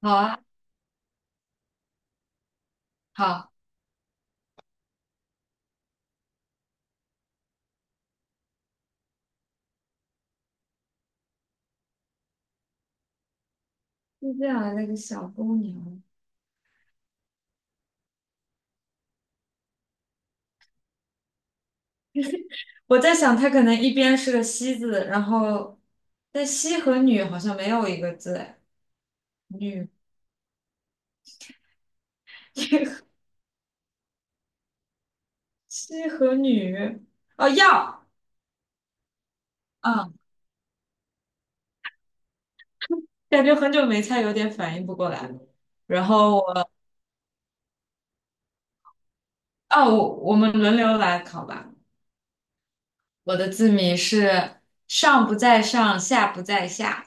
好啊。好。就这样的那个小公牛。我在想它可能一边是个西字，然后但西和女好像没有一个字哎。女。 西和女。哦要。嗯。感觉很久没猜，有点反应不过来了。然后我。哦，我们轮流来考吧。我的字谜是上不在上，下不在下。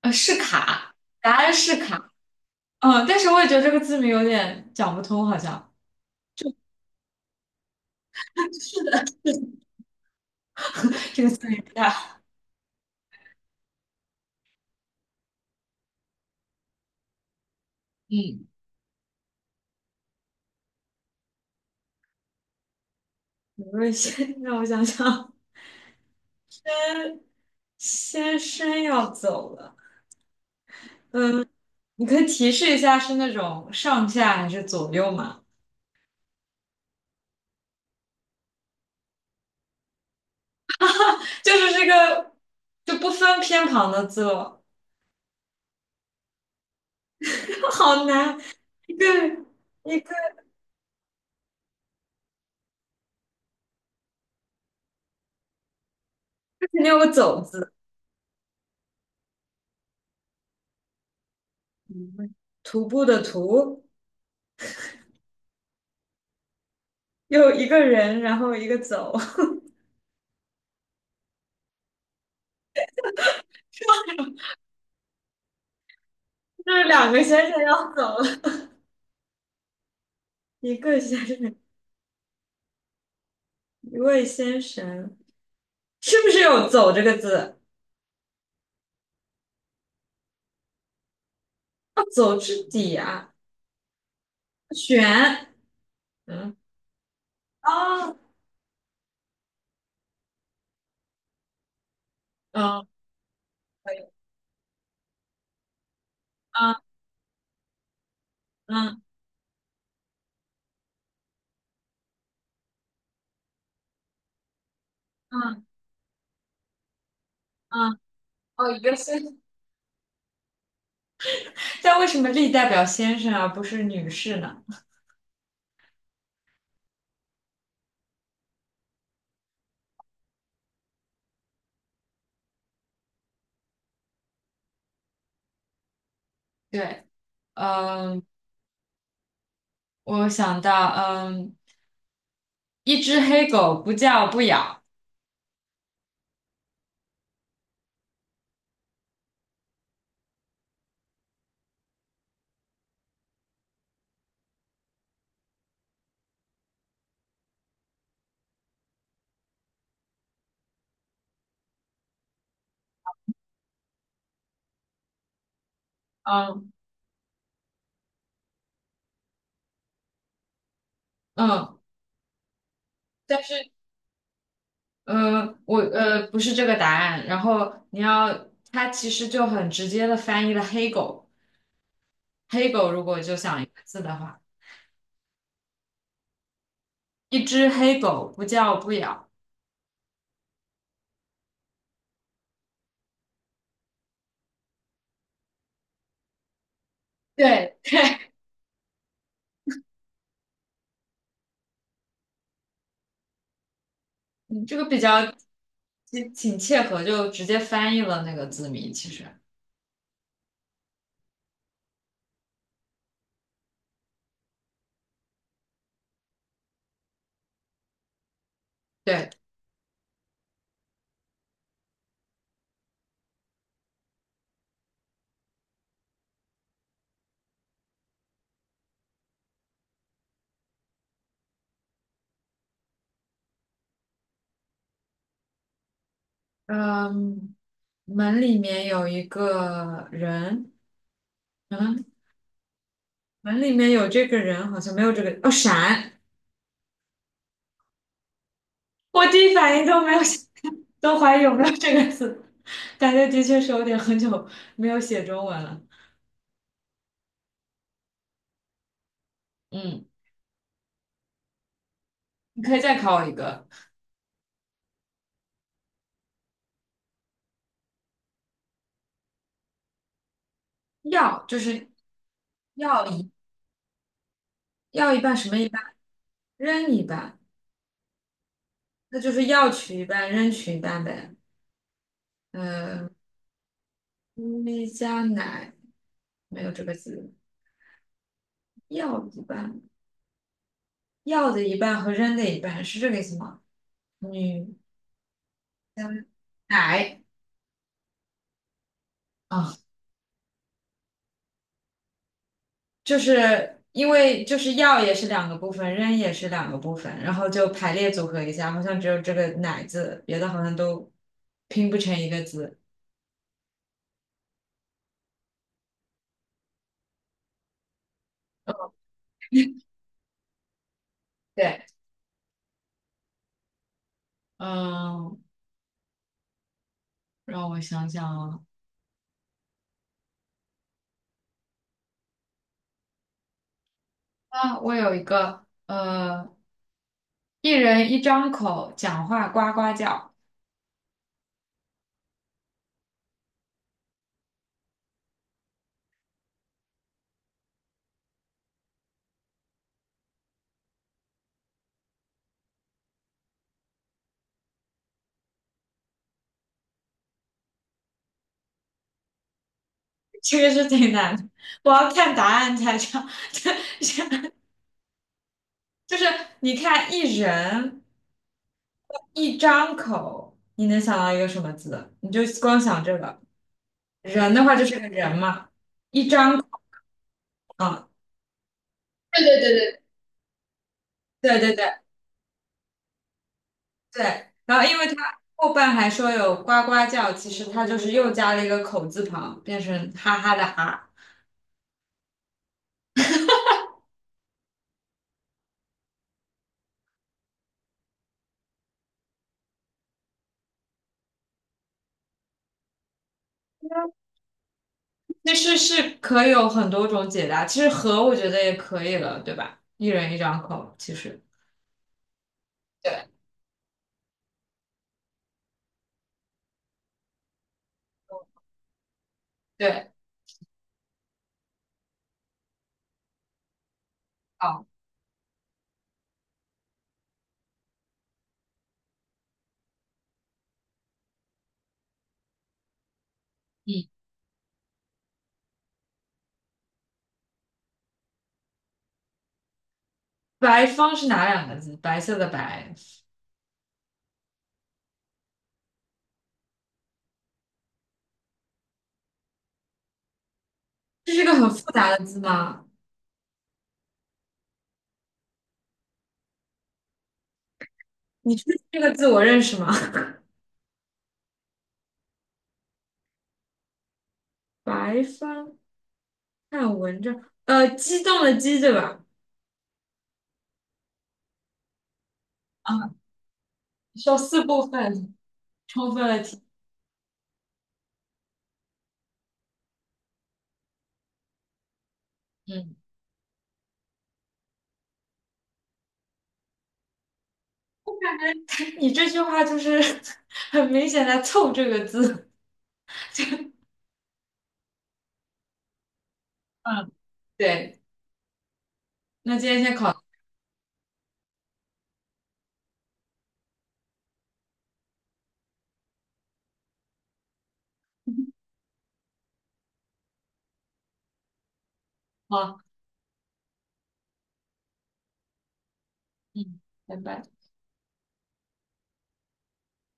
是卡，答案是卡。嗯，但是我也觉得这个字谜有点讲不通，好像。这个词语不大。嗯。我位先让我想想。先。先生要走了。你可以提示一下是那种上下还是左右嘛？就是这个。就不分偏旁的字了。好难。一个。一个。肯定有个走字。嗯徒步的徒。又一个人，然后一个走。就是两个先生要走了。一个先生。一位先生。是不是有走这个字？要走至底啊。选。嗯。哦。嗯。可以。嗯嗯嗯嗯，哦，一个先，生。但为什么力代表先生而不是女士呢？对。嗯。我想到，嗯，一只黑狗不叫不咬。嗯。嗯。但是，我不是这个答案，然后你要，它其实就很直接的翻译了黑狗。黑狗如果就想一个字的话，一只黑狗不叫不咬。对。这个比较挺挺切合，就直接翻译了那个字谜。其实。对。嗯。门里面有一个人。嗯。门里面有这个人，好像没有这个。哦，闪。我第一反应都没有想。 都怀疑有没有这个字。感觉的确是有点很久没有写中文了。嗯。你可以再考我一个。要就是。要一要一半什么一半。扔一半。那就是要取一半，扔取一半呗。嗯、咪加奶没有这个字。药一半。药的一半和扔的一半是这个意思吗？女。加奶。啊。就是因为就是药也是两个部分，扔也是两个部分，然后就排列组合一下，好像只有这个奶字，别的好像都拼不成一个字。对。嗯。让我想想。啊。啊，我有一个，一人一张口，讲话呱呱叫。这个是挺难的，我要看答案才知道。就是。你看一人一张口，你能想到一个什么字？你就光想这个。人的话就是个人嘛。啊？对对对对。对对对。对。然后因为他后半还说有呱呱叫，其实他就是又加了一个口字旁，变成哈哈的哈。那是是可以有很多种解答，其实和我觉得也可以了，对吧？一人一张口，其实对。对。哦。嗯。白方是哪两个字？白色的白。这是个很复杂的字吗？你确定这个字我认识吗？白帆。看文章，激动的激，对吧？啊，需要四部分，充分了题。嗯。你这句话就是 很明显在凑这个字。嗯。对。那今天先考。好。嗯。拜拜。